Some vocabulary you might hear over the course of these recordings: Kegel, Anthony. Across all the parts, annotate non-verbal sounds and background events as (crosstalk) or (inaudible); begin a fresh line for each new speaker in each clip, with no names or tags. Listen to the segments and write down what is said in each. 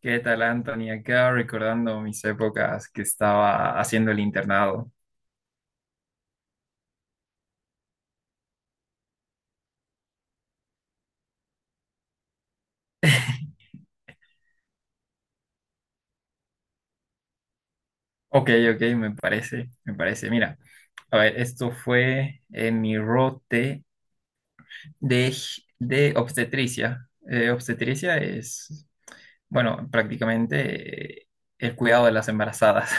¿Qué tal, Anthony? Acá recordando mis épocas que estaba haciendo el internado. (laughs) Ok, ok, me parece, me parece. Mira, a ver, esto fue en mi rote de obstetricia. Obstetricia es, bueno, prácticamente el cuidado de las embarazadas.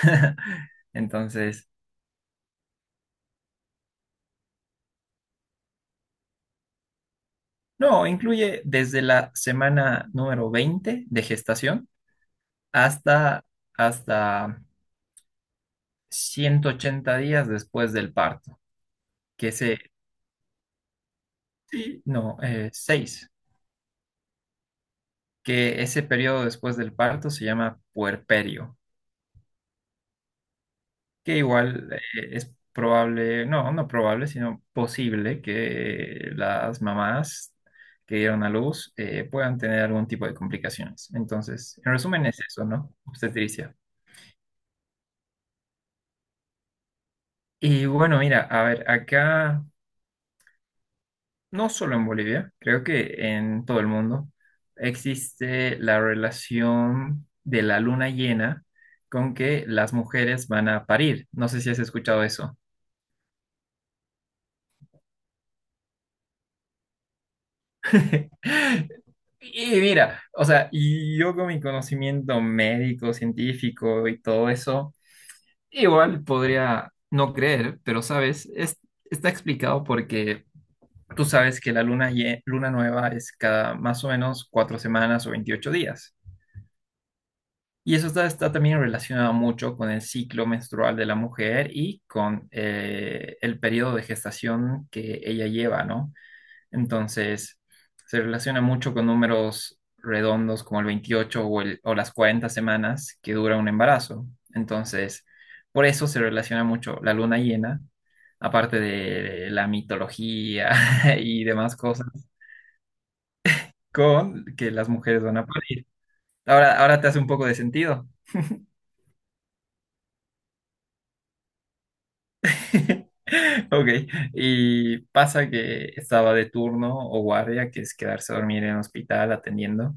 (laughs) Entonces, no, incluye desde la semana número 20 de gestación hasta, hasta 180 días después del parto, que ese, Sí. No, seis. Que ese periodo después del parto se llama puerperio, que igual es probable, no, no probable, sino posible que las mamás que dieron a luz puedan tener algún tipo de complicaciones. Entonces, en resumen es eso, ¿no? Obstetricia. Y bueno, mira, a ver, acá no solo en Bolivia, creo que en todo el mundo existe la relación de la luna llena con que las mujeres van a parir. No sé si has escuchado eso. (laughs) Y mira, o sea, y yo con mi conocimiento médico, científico y todo eso, igual podría no creer, pero sabes, está explicado porque tú sabes que la luna nueva es cada más o menos 4 semanas o 28 días. Y eso está también relacionado mucho con el ciclo menstrual de la mujer y con el periodo de gestación que ella lleva, ¿no? Entonces, se relaciona mucho con números redondos como el 28 o las 40 semanas que dura un embarazo. Entonces, por eso se relaciona mucho la luna llena, aparte de la mitología (laughs) y demás cosas, con que las mujeres van a parir. Ahora, ahora te hace un poco de sentido. (laughs) Ok, y pasa que estaba de turno o guardia, que es quedarse a dormir en el hospital atendiendo,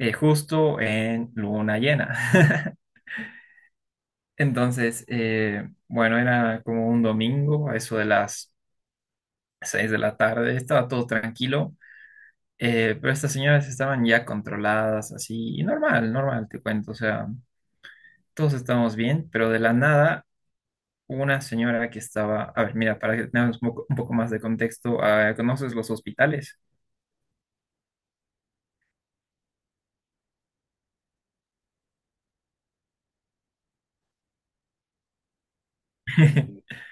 justo en luna llena. (laughs) Entonces, bueno, era como un domingo, a eso de las 6 de la tarde, estaba todo tranquilo, pero estas señoras estaban ya controladas, así, y normal, normal, te cuento, o sea, todos estábamos bien, pero de la nada una señora que estaba, a ver, mira, para que tengamos un poco más de contexto, ah, ¿conoces los hospitales? (laughs)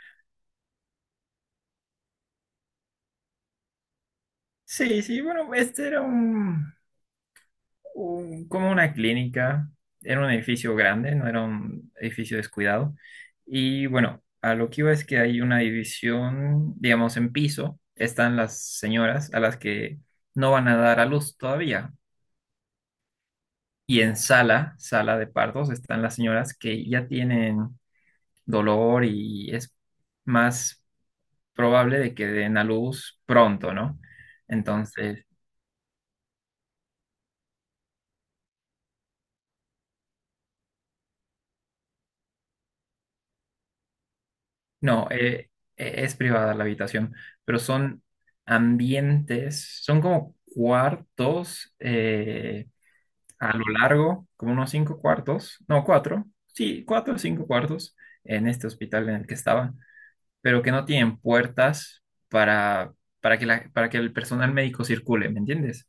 Sí, sí, bueno, este era como una clínica, era un edificio grande, no era un edificio descuidado. Y bueno, a lo que iba es que hay una división, digamos, en piso, están las señoras a las que no van a dar a luz todavía. Y en sala de partos, están las señoras que ya tienen dolor y es más probable de que den a luz pronto, ¿no? Entonces, no, es privada la habitación, pero son ambientes, son como cuartos a lo largo, como unos cinco cuartos, no, cuatro, sí, cuatro o cinco cuartos en este hospital en el que estaba, pero que no tienen puertas para, para que el personal médico circule, ¿me entiendes?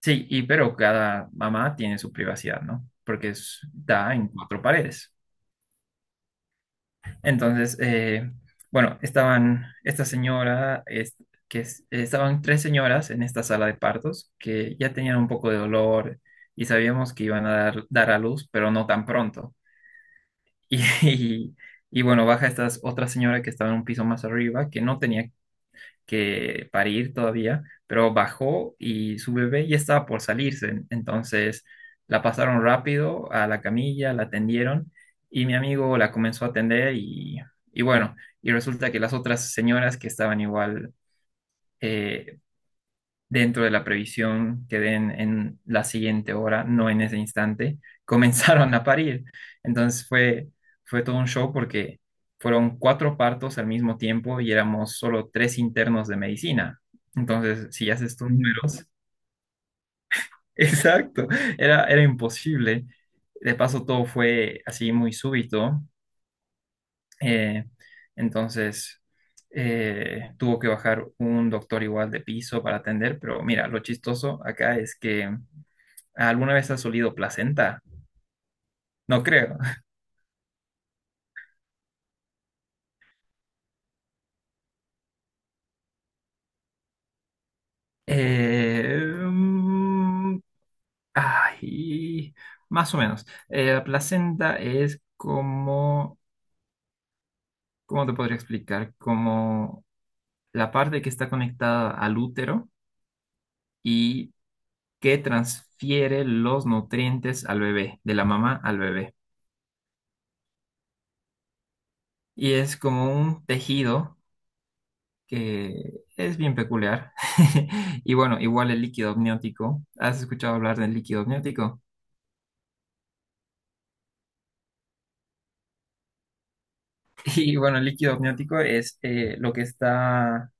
Sí, y pero cada mamá tiene su privacidad, ¿no? Porque da en cuatro paredes. Entonces, bueno, estaban esta señora, es- que es- estaban tres señoras en esta sala de partos que ya tenían un poco de dolor y sabíamos que iban a dar a luz, pero no tan pronto. Y, (laughs) y, y bueno, baja esta otra señora que estaba en un piso más arriba, que no tenía que parir todavía, pero bajó y su bebé ya estaba por salirse. Entonces la pasaron rápido a la camilla, la atendieron y mi amigo la comenzó a atender y bueno, y resulta que las otras señoras que estaban igual eh, dentro de la previsión que den en la siguiente hora, no en ese instante, (laughs) comenzaron a parir. Entonces fue todo un show porque fueron cuatro partos al mismo tiempo y éramos solo tres internos de medicina. Entonces, si haces tus números, (laughs) exacto, era imposible. De paso, todo fue así muy súbito. eh, entonces, tuvo que bajar un doctor igual de piso para atender, pero mira, lo chistoso acá es que ¿Alguna vez has olido placenta? No creo. Eh, mm, Ay, más o menos. La placenta es como, ¿cómo te podría explicar? Como la parte que está conectada al útero y que transfiere los nutrientes al bebé, de la mamá al bebé. Y es como un tejido que es bien peculiar. (laughs) Y bueno, igual el líquido amniótico. ¿Has escuchado hablar del líquido amniótico? Y bueno, el líquido amniótico es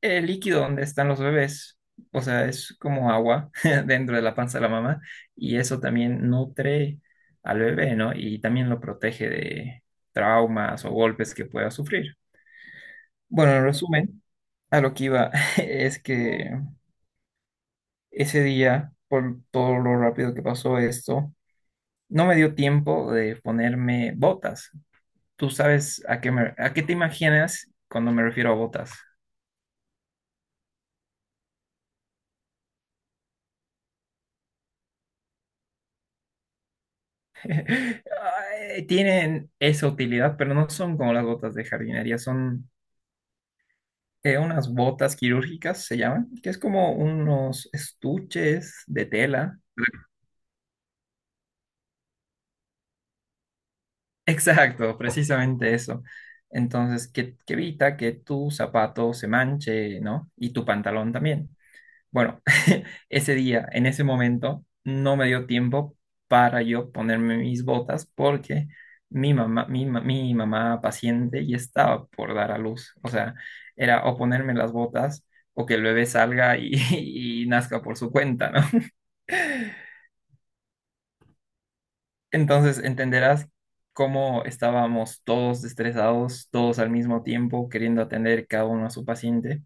el líquido donde están los bebés, o sea, es como agua (laughs) dentro de la panza de la mamá y eso también nutre al bebé, ¿no? Y también lo protege de traumas o golpes que pueda sufrir. Bueno, en resumen, a lo que iba (laughs) es que ese día, por todo lo rápido que pasó esto, no me dio tiempo de ponerme botas. ¿Tú sabes a qué a qué te imaginas cuando me refiero a botas? Ay, tienen esa utilidad, pero no son como las botas de jardinería, son unas botas quirúrgicas, se llaman, que es como unos estuches de tela. (laughs) Exacto, precisamente eso. Entonces, que evita que tu zapato se manche, ¿no? Y tu pantalón también. Bueno, (laughs) ese día, en ese momento, no me dio tiempo para yo ponerme mis botas porque mi mamá paciente ya estaba por dar a luz. O sea, era o ponerme las botas o que el bebé salga y, (laughs) y nazca por su cuenta, ¿no? (laughs) Entonces entenderás cómo estábamos todos estresados, todos al mismo tiempo, queriendo atender cada uno a su paciente.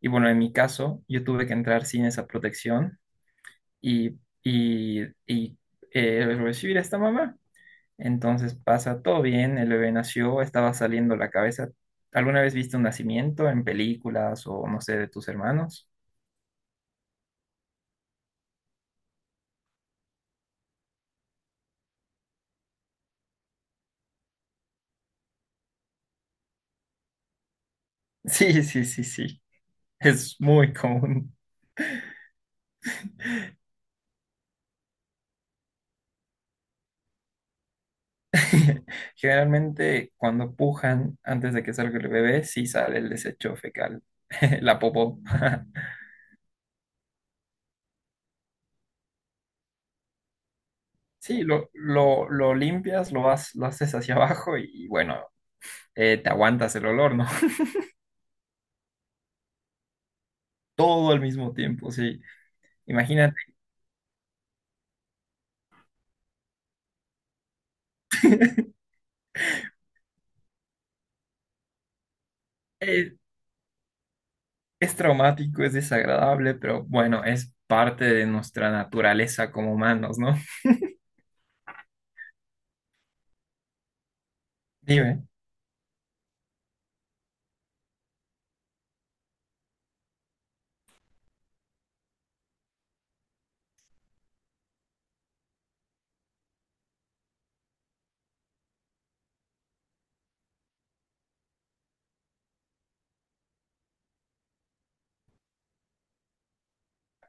Y bueno, en mi caso, yo tuve que entrar sin esa protección y recibir a esta mamá. Entonces pasa todo bien, el bebé nació, estaba saliendo la cabeza. ¿Alguna vez viste un nacimiento en películas o no sé, de tus hermanos? (laughs) Sí, sí, sí, sí, es muy común. (laughs) Generalmente cuando pujan antes de que salga el bebé, sí sale el desecho fecal, (laughs) la popó. (laughs) Sí, lo limpias, vas, lo haces hacia abajo y bueno, te aguantas el olor, ¿no? Todo al mismo tiempo, sí. Imagínate, es, es traumático, es desagradable, pero bueno, es parte de nuestra naturaleza como humanos, ¿no? (laughs) Dime.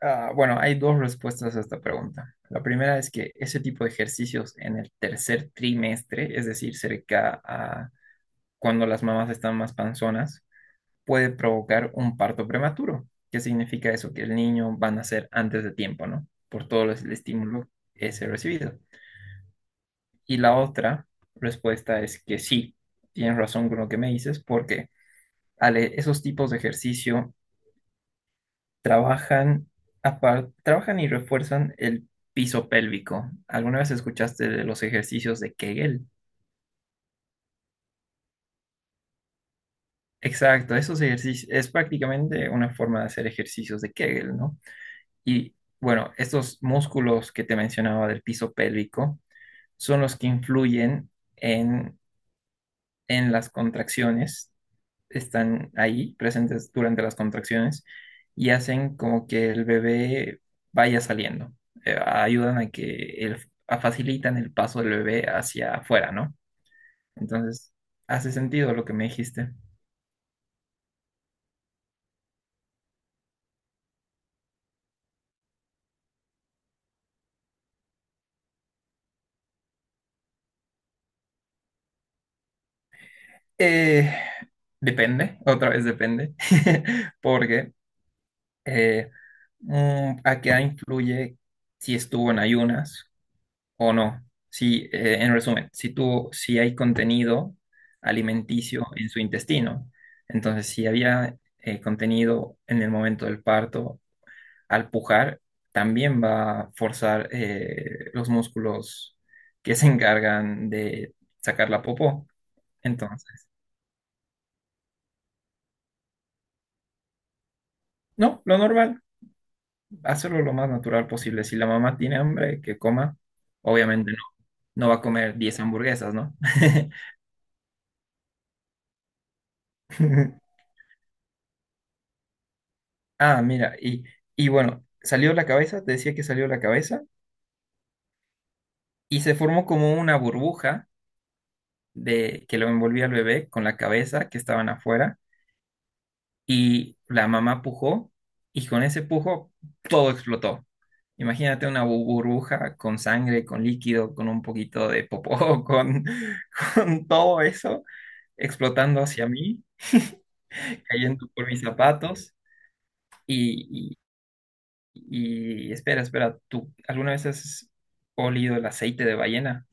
Ah, bueno, hay dos respuestas a esta pregunta. La primera es que ese tipo de ejercicios en el tercer trimestre, es decir, cerca a cuando las mamás están más panzonas, puede provocar un parto prematuro. ¿Qué significa eso? Que el niño va a nacer antes de tiempo, ¿no? Por todo el estímulo ese recibido. Y la otra respuesta es que sí, tienes razón con lo que me dices, porque Ale, esos tipos de ejercicio trabajan, trabajan y refuerzan el piso pélvico. ¿Alguna vez escuchaste de los ejercicios de Kegel? Exacto, esos ejercicios es prácticamente una forma de hacer ejercicios de Kegel, ¿no? Y bueno, estos músculos que te mencionaba del piso pélvico son los que influyen en, en las contracciones están ahí presentes durante las contracciones y hacen como que el bebé vaya saliendo. Ayudan a que facilitan el paso del bebé hacia afuera, ¿no? Entonces, hace sentido lo que me dijiste. Eh, Depende, otra vez depende, (laughs) porque eh, a qué influye si estuvo en ayunas o no. Si, en resumen, si hay contenido alimenticio en su intestino, entonces si había contenido en el momento del parto, al pujar, también va a forzar los músculos que se encargan de sacar la popó. Entonces, no, lo normal, hacerlo lo más natural posible. Si la mamá tiene hambre, que coma. Obviamente no, no va a comer 10 hamburguesas, ¿no? (laughs) Ah, mira, y, bueno, salió la cabeza, te decía que salió la cabeza, y se formó como una burbuja de que lo envolvía al bebé con la cabeza que estaban afuera, y la mamá pujó, y con ese pujo todo explotó. Imagínate una burbuja con sangre, con líquido, con un poquito de popó, (laughs) con todo eso explotando hacia mí, cayendo por mis zapatos. Y espera, espera, ¿tú alguna vez has olido el aceite de ballena?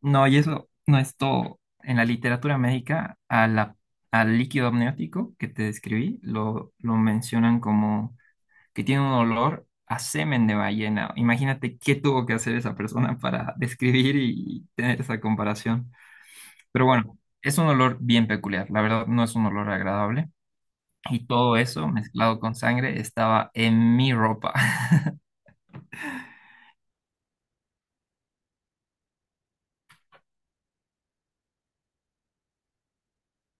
No, y eso no es todo. En la literatura médica, al líquido amniótico que te describí, lo mencionan como que tiene un olor a semen de ballena. Imagínate qué tuvo que hacer esa persona para (laughs) describir y tener esa comparación. Pero bueno, es un olor bien peculiar. La verdad, no es un olor agradable. Y todo eso mezclado con sangre estaba en mi ropa. (laughs)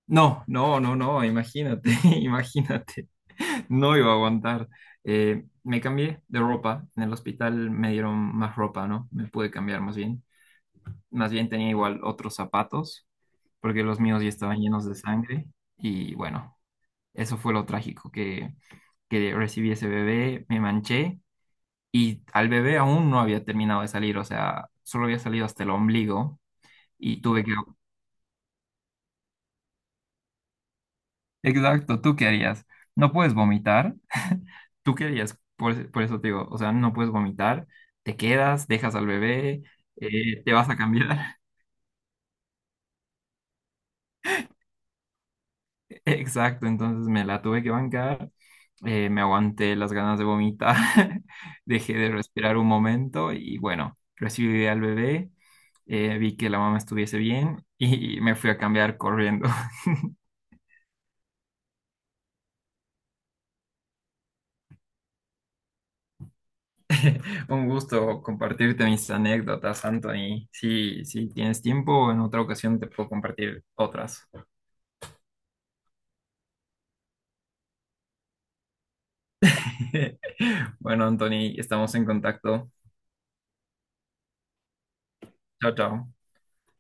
No, no, no, no, imagínate, (laughs) imagínate, no iba a aguantar. Me cambié de ropa, en el hospital me dieron más ropa, ¿no? Me pude cambiar más bien. Más bien tenía igual otros zapatos, porque los míos ya estaban llenos de sangre. Y bueno, eso fue lo trágico, que recibí ese bebé, me manché y al bebé aún no había terminado de salir, o sea, solo había salido hasta el ombligo y tuve que. Exacto, ¿tú qué harías? No puedes vomitar. (laughs) ¿Tú qué harías? Por eso te digo, o sea, no puedes vomitar, te quedas, dejas al bebé, te vas a cambiar. (laughs) Exacto, entonces me la tuve que bancar, me aguanté las ganas de vomitar, (laughs) dejé de respirar un momento y bueno, recibí al bebé, vi que la mamá estuviese bien y me fui a cambiar corriendo. Un gusto compartirte mis anécdotas, Anthony. Si tienes tiempo, en otra ocasión te puedo compartir otras. (laughs) Bueno, Anthony, estamos en contacto. Chao, chao.